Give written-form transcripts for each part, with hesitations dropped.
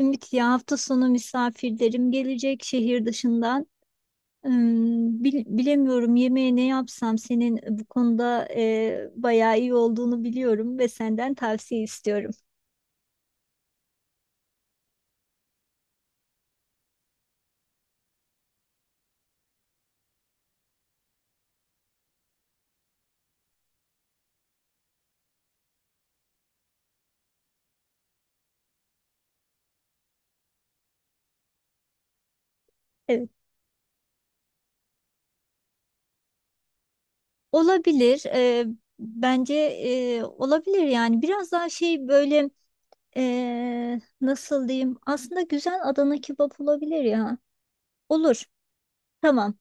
Ümit ya hafta sonu misafirlerim gelecek şehir dışından. Bilemiyorum yemeğe ne yapsam senin bu konuda bayağı iyi olduğunu biliyorum ve senden tavsiye istiyorum. Evet. Olabilir. Bence olabilir yani biraz daha şey böyle, nasıl diyeyim? Aslında güzel Adana kebap olabilir ya. Olur. Tamam.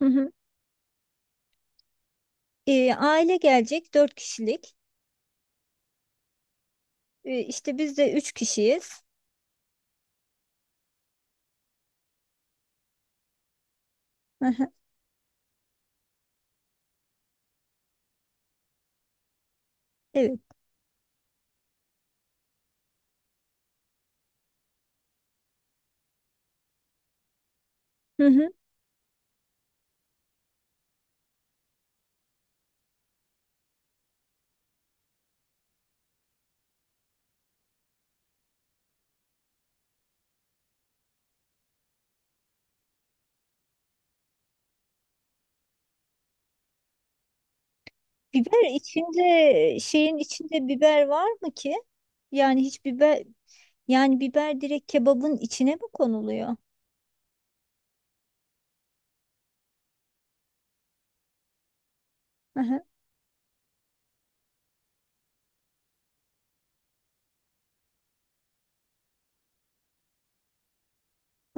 Hı hı. Aile gelecek dört kişilik. İşte biz de üç kişiyiz. Hı hı. Evet. Hı hı. Biber içinde şeyin içinde biber var mı ki? Yani hiç biber Yani biber direkt kebabın içine mi konuluyor? Hı hı.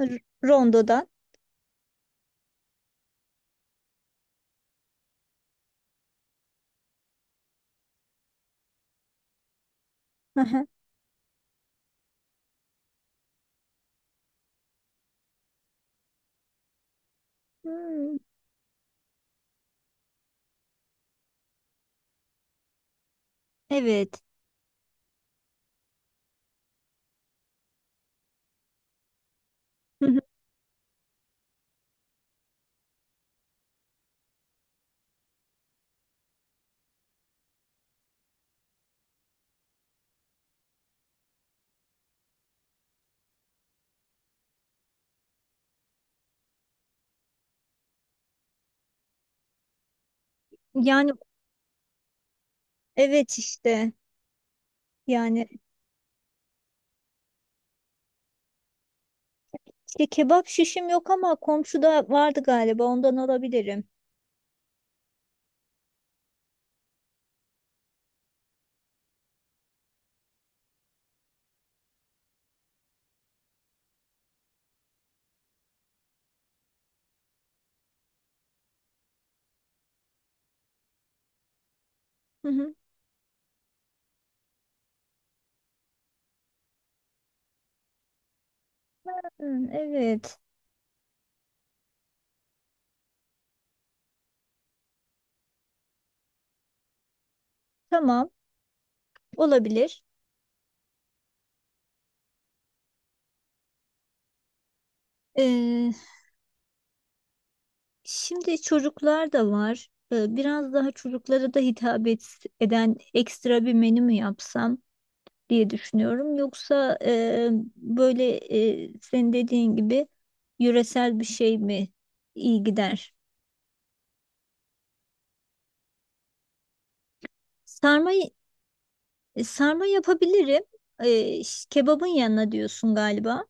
Rondodan. Hı hı. Hmm, evet. Hı hı. Yani evet işte. Yani işte kebap şişim yok ama komşuda vardı galiba ondan alabilirim. Hı hı. Hı, evet. Tamam. Olabilir. Ee, Şimdi çocuklar da var. Biraz daha çocuklara da eden ekstra bir menü mü yapsam diye düşünüyorum. Yoksa böyle, senin dediğin gibi yöresel bir şey mi iyi gider? Sarma. Sarma yapabilirim. Kebabın yanına diyorsun galiba.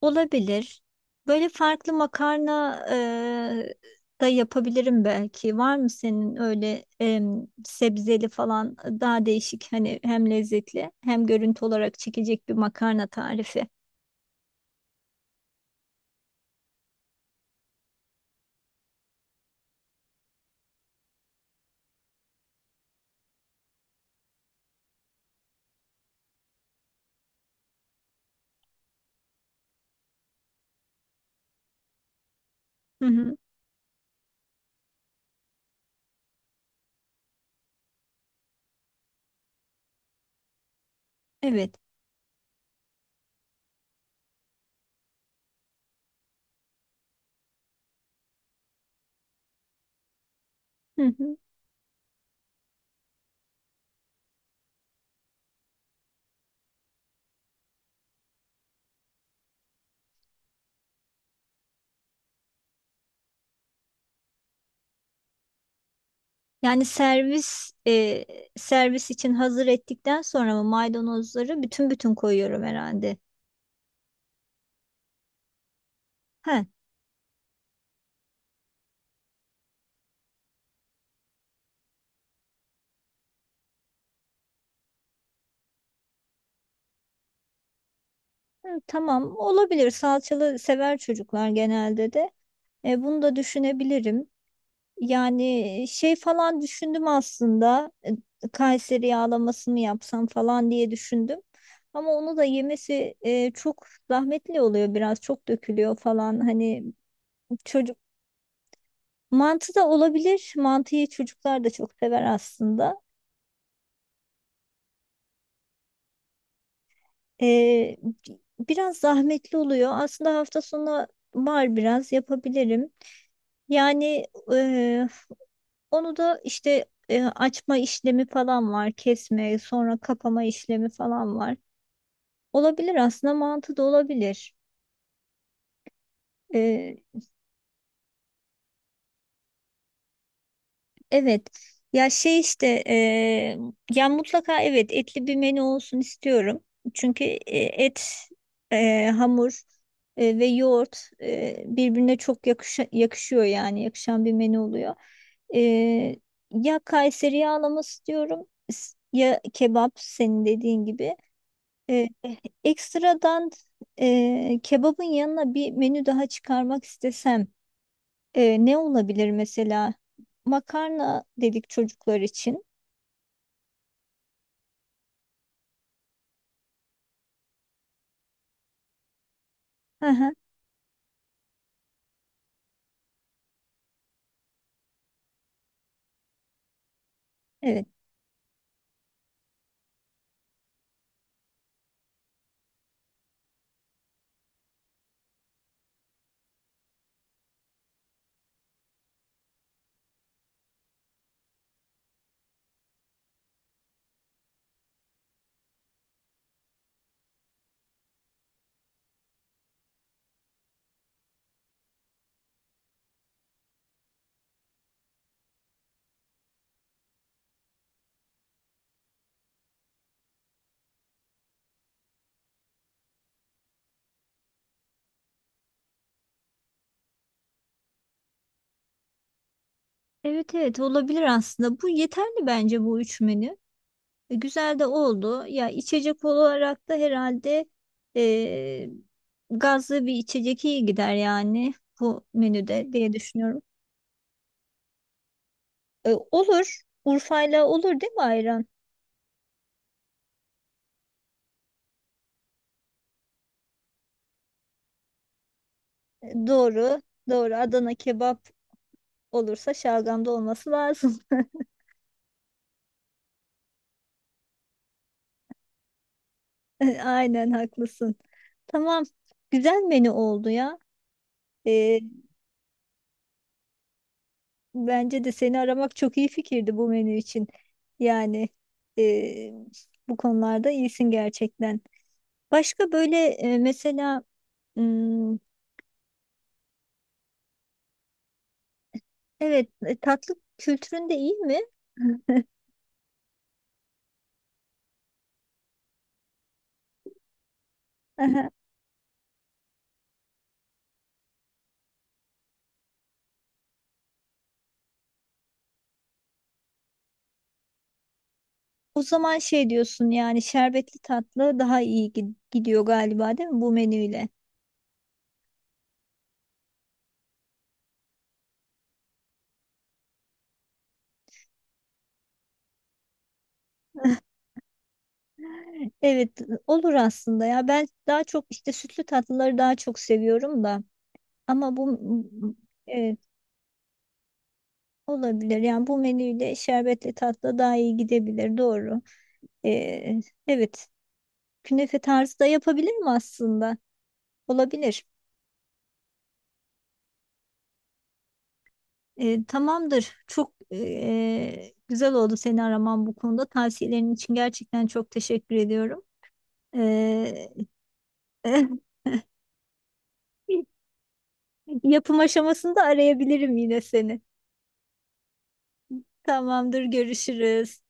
Olabilir. Böyle farklı makarna da yapabilirim belki. Var mı senin öyle, sebzeli falan daha değişik hani hem lezzetli hem görüntü olarak çekecek bir makarna tarifi? Hı hı. Evet. Hı hı. Yani servis için hazır ettikten sonra mı maydanozları bütün bütün koyuyorum herhalde. He. Hı, tamam olabilir. Salçalı sever çocuklar genelde de. Bunu da düşünebilirim. Yani şey falan düşündüm aslında. Kayseri yağlamasını yapsam falan diye düşündüm. Ama onu da yemesi çok zahmetli oluyor biraz. Çok dökülüyor falan. Hani çocuk mantı da olabilir. Mantıyı çocuklar da çok sever aslında. E, Biraz zahmetli oluyor. Aslında hafta sonu var biraz yapabilirim. Yani e, onu da işte açma işlemi falan var, kesme, sonra kapama işlemi falan var. Olabilir aslında mantığı da olabilir. E, evet. Ya şey işte, ya mutlaka evet etli bir menü olsun istiyorum. Çünkü et, hamur ve yoğurt birbirine çok yakışıyor yani yakışan bir menü oluyor. E, Ya Kayseri yağlaması diyorum ya kebap senin dediğin gibi. Ee, Ekstradan kebabın yanına bir menü daha çıkarmak istesem, ne olabilir mesela? Makarna dedik çocuklar için. Hı hı, evet. Evet, evet, olabilir aslında. Bu yeterli bence bu üç menü. Güzel de oldu. Ya içecek olarak da herhalde e, gazlı bir içecek iyi gider yani bu menüde diye düşünüyorum. Olur. Urfa'yla olur değil mi ayran? Doğru. Doğru. Adana kebap olursa şalgamda olması lazım. Aynen haklısın. Tamam. Güzel menü oldu ya. Ee, Bence de seni aramak çok iyi fikirdi bu menü için. Yani e, bu konularda iyisin gerçekten. Başka böyle, mesela, hmm, evet, tatlı kültürün de iyi mi? Aha. O zaman şey diyorsun yani şerbetli tatlı daha iyi gidiyor galiba değil mi bu menüyle? Evet, olur aslında ya. Ben daha çok işte sütlü tatlıları daha çok seviyorum da ama bu evet, olabilir yani bu menüyle şerbetli tatlı daha iyi gidebilir, doğru. Ee, evet, künefe tarzı da yapabilir mi aslında olabilir. Tamamdır çok, güzel oldu seni araman bu konuda tavsiyelerin için gerçekten çok teşekkür ediyorum. Ee, Yapım aşamasında arayabilirim yine seni. Tamamdır görüşürüz.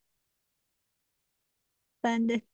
Ben de.